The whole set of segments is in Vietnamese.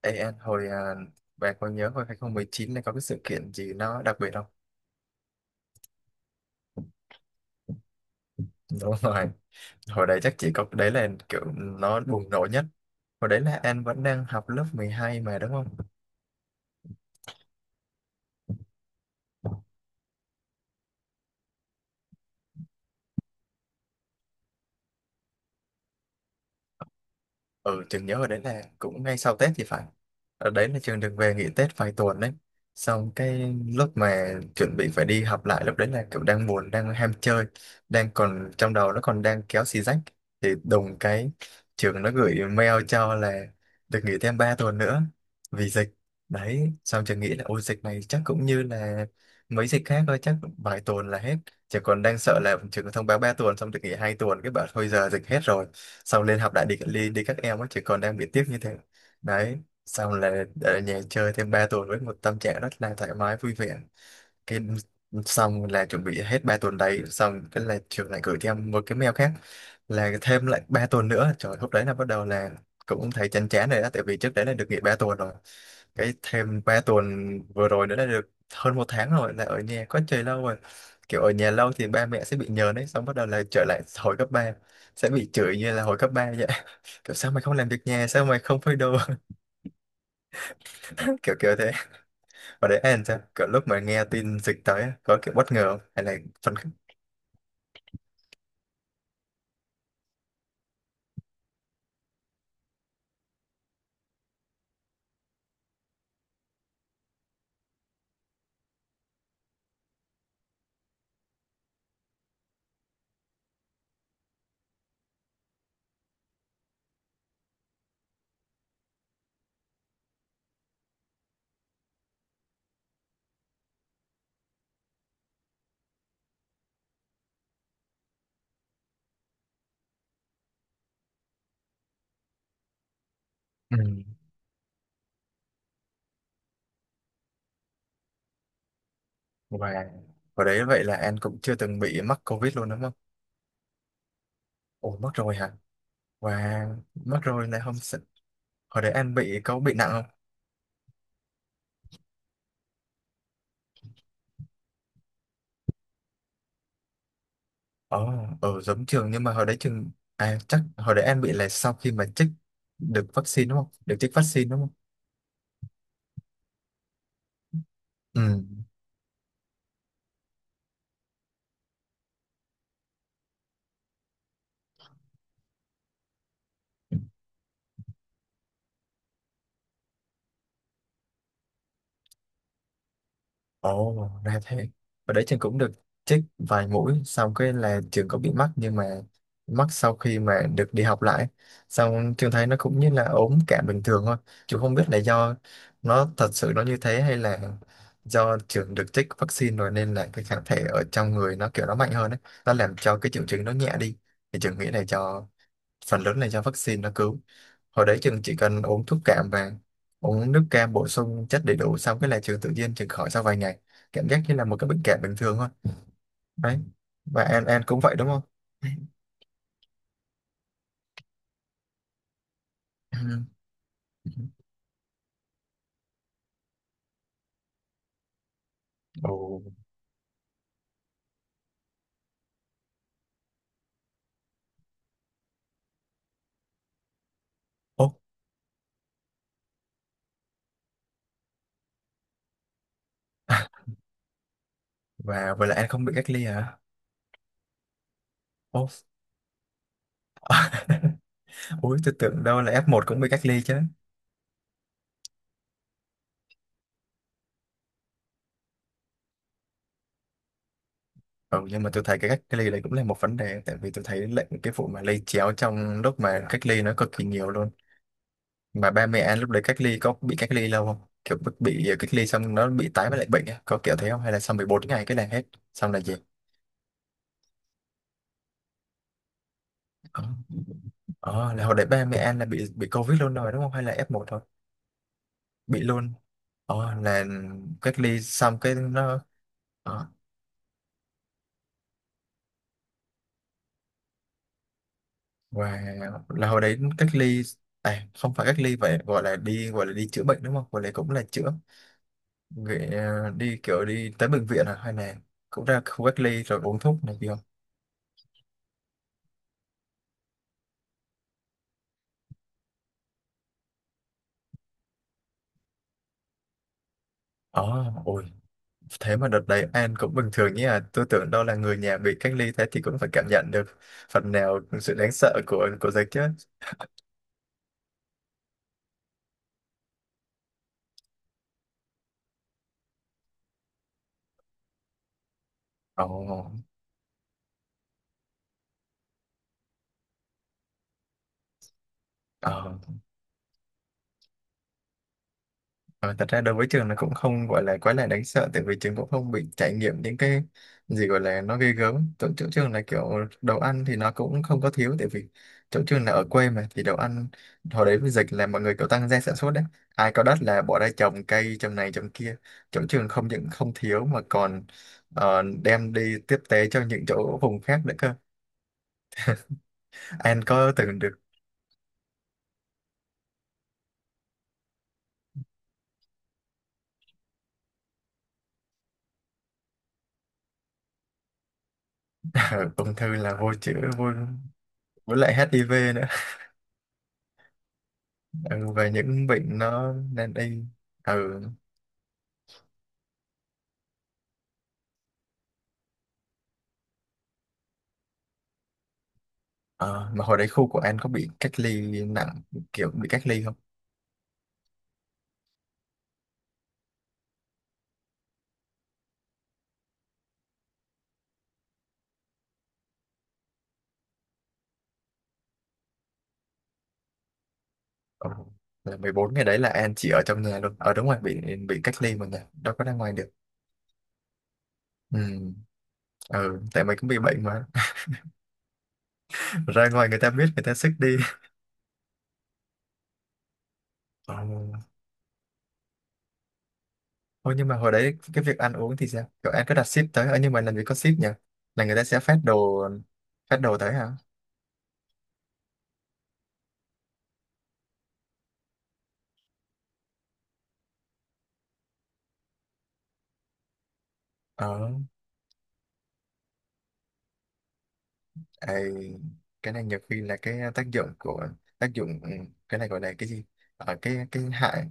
Ê, anh, bạn có nhớ hồi 2019 này có cái sự kiện gì nó đặc biệt không? Đúng rồi. Hồi đấy chắc chỉ có đấy là kiểu nó bùng nổ nhất. Hồi đấy là anh vẫn đang học lớp 12 mà đúng không? Ừ, Trường nhớ ở đấy là cũng ngay sau Tết thì phải. Ở đấy là Trường được về nghỉ Tết vài tuần đấy. Xong cái lúc mà chuẩn bị phải đi học lại lúc đấy là kiểu đang buồn, đang ham chơi, đang còn trong đầu nó còn đang kéo xì rách. Thì đùng cái trường nó gửi mail cho là được nghỉ thêm 3 tuần nữa vì dịch. Đấy, xong trường nghĩ là ôi dịch này chắc cũng như là mấy dịch khác thôi, chắc vài tuần là hết. Trường còn đang sợ là trường thông báo 3 tuần xong được nghỉ 2 tuần, cái bảo thôi giờ dịch hết rồi, xong lên học đại, đi đi, đi các em á, chỉ còn đang bị tiếc như thế. Đấy, xong là ở nhà chơi thêm 3 tuần với một tâm trạng rất là thoải mái vui vẻ, cái xong là chuẩn bị hết 3 tuần đấy, xong cái là trường lại gửi cho em một cái mail khác là thêm lại 3 tuần nữa. Trời, lúc đấy là bắt đầu là cũng thấy chán chán rồi đó, tại vì trước đấy là được nghỉ 3 tuần rồi, cái thêm 3 tuần vừa rồi nữa là được hơn một tháng rồi, là ở nhà quá trời lâu rồi. Kiểu ở nhà lâu thì ba mẹ sẽ bị nhờn đấy, xong bắt đầu là trở lại hồi cấp ba, sẽ bị chửi như là hồi cấp 3 vậy. Kiểu sao mày không làm việc nhà, sao mày không phơi đồ. Kiểu kiểu thế. Và đấy, anh sao kiểu lúc mà nghe tin dịch tới á, có kiểu bất ngờ không? Hay là phấn khích? Ừ. và và đấy vậy là anh cũng chưa từng bị mắc covid luôn đúng không? Ồ, mắc rồi hả? Và mắc rồi này không sợ. Hồi đấy anh có bị nặng không? Ồ, ở giống trường. Nhưng mà hồi đấy trường, chắc hồi đấy em bị là sau khi mà chích được vaccine đúng không? Được chích vaccine đúng không? Ừ. Ồ, ra thế. Hồi đấy trường cũng được chích vài mũi, xong cái là trường có bị mắc, nhưng mà mắc sau khi mà được đi học lại. Xong trường thấy nó cũng như là ốm cảm bình thường thôi. Trường không biết là do nó thật sự nó như thế, hay là do trường được chích vaccine rồi nên là cái kháng thể ở trong người nó kiểu nó mạnh hơn ấy. Nó làm cho cái triệu chứng nó nhẹ đi. Thì trường nghĩ là do phần lớn là do vaccine nó cứu. Hồi đấy trường chỉ cần uống thuốc cảm và uống nước cam bổ sung chất đầy đủ, xong cái là trường tự nhiên trường khỏi sau vài ngày, cảm giác như là một cái bệnh cảm bình thường thôi. Đấy, và An An cũng vậy đúng không? ồ ồ ố, Và vậy là An không bị cách ly hả? Ồ. Ui, tôi tưởng đâu là F1 cũng bị cách ly chứ. Ừ, nhưng mà tôi thấy cái cách ly đấy cũng là một vấn đề, tại vì tôi thấy lệnh cái vụ mà lây chéo trong lúc mà cách ly nó cực kỳ nhiều luôn. Mà ba mẹ anh lúc đấy cách ly có bị cách ly lâu không? Kiểu bị cách ly xong nó bị tái với lại bệnh á, có kiểu thế không, hay là sau 14 ngày cái là hết, xong là gì? ờ Ờ, là hồi đấy ba mẹ anh là bị covid luôn rồi đúng không, hay là F1 thôi? Bị luôn. Là cách ly xong cái nó ờ, và là hồi đấy cách ly, à không phải cách ly, vậy gọi là đi chữa bệnh đúng không, gọi là cũng là chữa. Vậy, đi kiểu đi tới bệnh viện à, hay là cũng ra khu cách ly rồi uống thuốc này kia không? ờ Ôi. Thế mà đợt đấy An cũng bình thường nhé à. Tôi tưởng đâu là người nhà bị cách ly thế thì cũng phải cảm nhận được phần nào sự đáng sợ của dịch chứ. Ồ, oh, Ờ, thật ra đối với trường nó cũng không gọi là quá là đáng sợ, tại vì trường cũng không bị trải nghiệm những cái gì gọi là nó ghê gớm. Chỗ trường là kiểu đồ ăn thì nó cũng không có thiếu, tại vì chỗ trường là ở quê mà, thì đồ ăn hồi đấy với dịch là mọi người kiểu tăng gia sản xuất đấy, ai có đất là bỏ ra trồng cây trồng này trồng kia. Chỗ trường không những không thiếu mà còn đem đi tiếp tế cho những chỗ vùng khác nữa cơ. Anh có từng được ung thư là vô chữa. vô với lại HIV nữa. Ừ, về những bệnh nó nên y. Ừ. Ờ, mà hồi đấy khu của An có bị cách ly nặng, kiểu bị cách ly không? Ừ. Là 14 ngày đấy là An chỉ ở trong nhà luôn, ở đúng rồi, bị cách ly mà nhà đâu có ra ngoài được. Ừ. Ừ, tại mình cũng bị bệnh mà. Ra ngoài người ta biết người ta xích đi. Ừ. Ôi, nhưng mà hồi đấy cái việc ăn uống thì sao, kiểu An có đặt ship tới, ở nhưng mà làm gì có ship nhỉ, là người ta sẽ phát đồ? Phát đồ tới hả? ờ Ờ, cái này nhiều khi là cái tác dụng của tác dụng. Ừ, cái này gọi là cái gì, ở cái hại.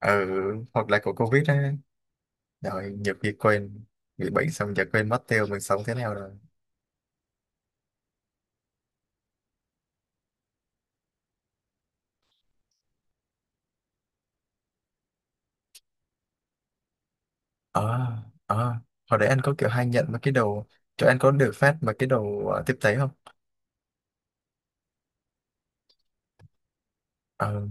Ừ, hoặc là của Covid á, rồi nhiều khi quên. Bị bệnh xong giờ quên mất tiêu mình sống thế nào rồi. ờ ờ Hồi đấy anh có kiểu hay nhận mấy cái đồ, cho anh có được phát mấy cái đồ tiếp tế không? ờ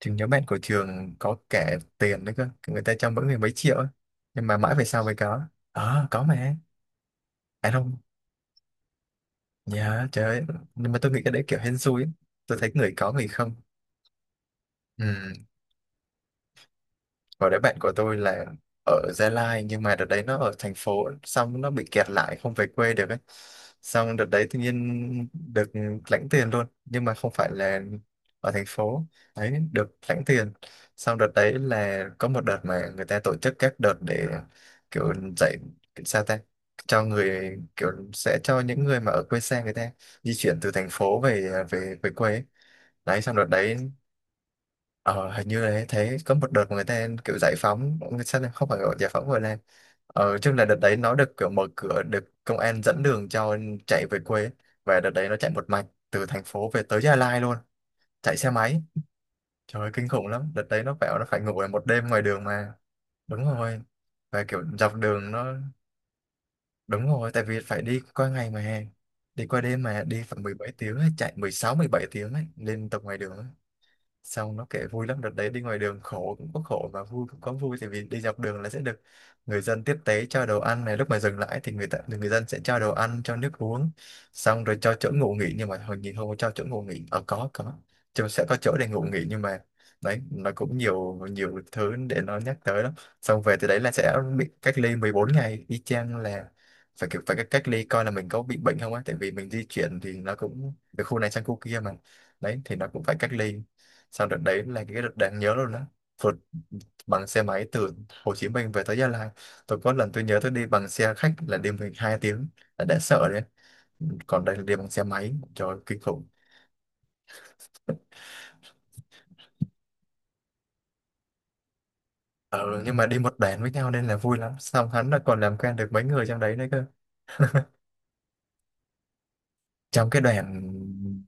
thì nhóm bạn của trường có kẻ tiền đấy cơ, người ta cho mỗi người mấy triệu á, nhưng mà mãi về sau mới có. Có mà. Anh không? Dạ trời ơi. Nhưng mà tôi nghĩ cái đấy kiểu hên xui ấy. Tôi thấy người có người không. Ừ. Và đấy bạn của tôi là ở Gia Lai. Nhưng mà đợt đấy nó ở thành phố, xong nó bị kẹt lại không về quê được ấy. Xong đợt đấy tự nhiên được lãnh tiền luôn. Nhưng mà không phải là ở thành phố. Đấy, được lãnh tiền. Xong đợt đấy là có một đợt mà người ta tổ chức các đợt để kiểu dạy, sao ta, cho người, kiểu sẽ cho những người mà ở quê xa người ta di chuyển từ thành phố về về về quê ấy. Đấy xong đợt đấy ờ, hình như là thấy có một đợt mà người ta kiểu giải phóng, sao lại không phải gọi giải phóng, gọi là chung là đợt đấy nó được kiểu mở cửa, được công an dẫn đường cho chạy về quê. Và đợt đấy nó chạy một mạch từ thành phố về tới Gia Lai luôn. Chạy xe máy. Trời ơi, kinh khủng lắm, đợt đấy nó bảo nó phải ngủ một đêm ngoài đường mà. Đúng rồi. Và kiểu dọc đường nó đúng rồi, tại vì phải đi qua ngày mà, đi qua đêm mà, đi phải 17 tiếng ấy, chạy 16, 17 tiếng ấy, lên tập ngoài đường ấy. Xong nó kể vui lắm. Đợt đấy đi ngoài đường khổ cũng có khổ và vui cũng có vui, tại vì đi dọc đường là sẽ được người dân tiếp tế cho đồ ăn này. Lúc mà dừng lại thì người ta, người dân sẽ cho đồ ăn, cho nước uống, xong rồi cho chỗ ngủ nghỉ. Nhưng mà hồi nhìn không có cho chỗ ngủ nghỉ, có chúng sẽ có chỗ để ngủ nghỉ, nhưng mà đấy, nó cũng nhiều nhiều thứ để nó nhắc tới lắm. Xong về từ đấy là sẽ bị cách ly 14 ngày y chang. Là phải kiểu phải cách ly coi là mình có bị bệnh không á, tại vì mình di chuyển thì nó cũng từ khu này sang khu kia mà. Đấy thì nó cũng phải cách ly. Sau đợt đấy là cái đợt đáng nhớ luôn đó. Vượt bằng xe máy từ Hồ Chí Minh về tới Gia Lai. Tôi có lần tôi nhớ tôi đi bằng xe khách là đi 12 tiếng, đã sợ đấy. Còn đây là đi bằng xe máy. Trời ơi, kinh khủng. Ờ, Nhưng mà đi một đoàn với nhau nên là vui lắm. Xong hắn là còn làm quen được mấy người trong đấy nữa cơ. Trong cái đoàn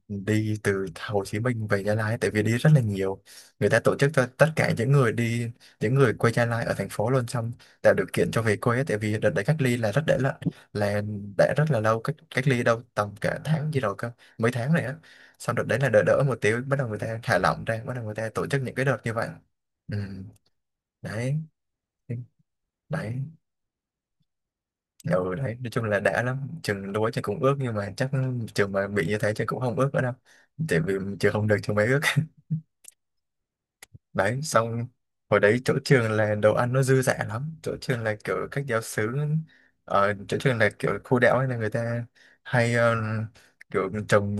đi từ Hồ Chí Minh về Gia Lai, tại vì đi rất là nhiều. Người ta tổ chức cho tất cả những người đi, những người quê Gia Lai ở thành phố luôn. Xong tạo điều kiện cho về quê ấy, tại vì đợt đấy cách ly là rất để là đã rất là lâu, cách cách ly đâu tầm cả tháng gì rồi cơ, mấy tháng này á. Xong đợt đấy là đỡ đỡ một tí, bắt đầu người ta thả lỏng ra, bắt đầu người ta tổ chức những cái đợt như vậy. Ừ, đấy. Đấy, ừ, đấy, nói chung là đã lắm. Trường lúa trường cũng ước, nhưng mà chắc trường mà bị như thế trường cũng không ước nữa đâu. Tại vì trường không được trường mới ước. Đấy, xong hồi đấy chỗ trường là đồ ăn nó dư dả lắm. Chỗ trường là kiểu các giáo xứ, ở chỗ trường là kiểu khu đảo ấy, là người ta hay kiểu trồng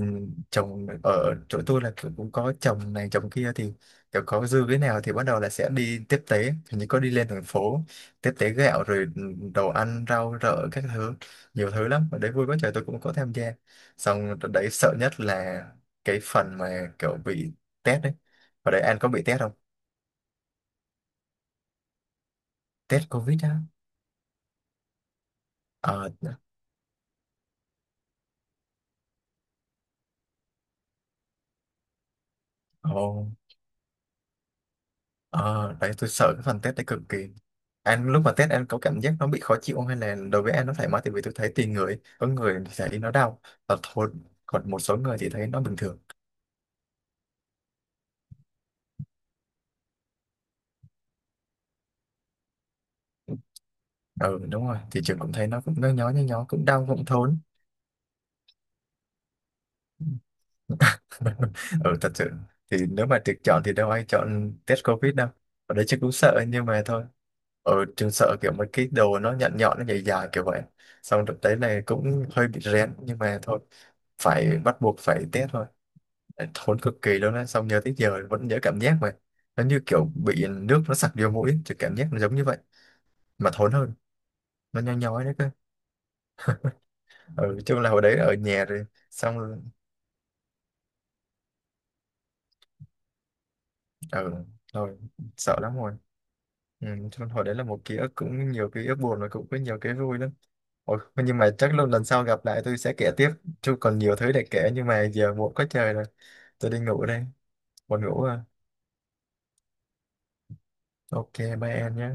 trồng ở chỗ tôi là kiểu cũng có trồng này trồng kia, thì kiểu có dư cái nào thì bắt đầu là sẽ đi tiếp tế. Hình như có đi lên thành phố tiếp tế gạo rồi đồ ăn, rau rợ các thứ, nhiều thứ lắm. Ở đấy vui quá trời, tôi cũng có tham gia. Xong đợt đấy sợ nhất là cái phần mà kiểu bị test đấy. Ở đấy anh có bị test không? Test Covid á. Ờ. Ồ. Ờ, đấy tôi sợ cái phần test đấy cực kỳ. Anh lúc mà test anh có cảm giác nó bị khó chịu không, hay là đối với anh nó thoải mái? Tại vì tôi thấy tùy người, có người thì thấy nó đau và thôi, còn một số người thì thấy nó bình thường. Ừ, đúng rồi, thì trường cũng thấy nó cũng nhói nhói nhói nhói, cũng đau cũng thốn. Ừ, thật sự thì nếu mà được chọn thì đâu ai chọn test covid đâu. Ở đây chắc cũng sợ, nhưng mà thôi. Ở trường sợ kiểu mấy cái đồ nó nhọn nhọn nó dài dài kiểu vậy. Xong đợt đấy này cũng hơi bị rén, nhưng mà thôi, phải bắt buộc phải test thôi. Thốn cực kỳ luôn á. Xong nhớ tới giờ vẫn nhớ cảm giác mà, nó như kiểu bị nước nó sặc vô mũi thì cảm giác nó giống như vậy, mà thốn hơn, nó nhói nhói đấy cơ. Ừ, chung là hồi đấy ở nhà rồi xong rồi. Ừ, thôi, sợ lắm rồi. Ừ, cho nên hồi đấy là một ký ức, cũng nhiều ký ức buồn và cũng có nhiều cái vui lắm. Ôi, nhưng mà chắc lần lần sau gặp lại tôi sẽ kể tiếp. Chứ còn nhiều thứ để kể nhưng mà giờ muộn quá trời rồi. Tôi đi ngủ đây. Buồn ngủ à. Ok, bye em nhé.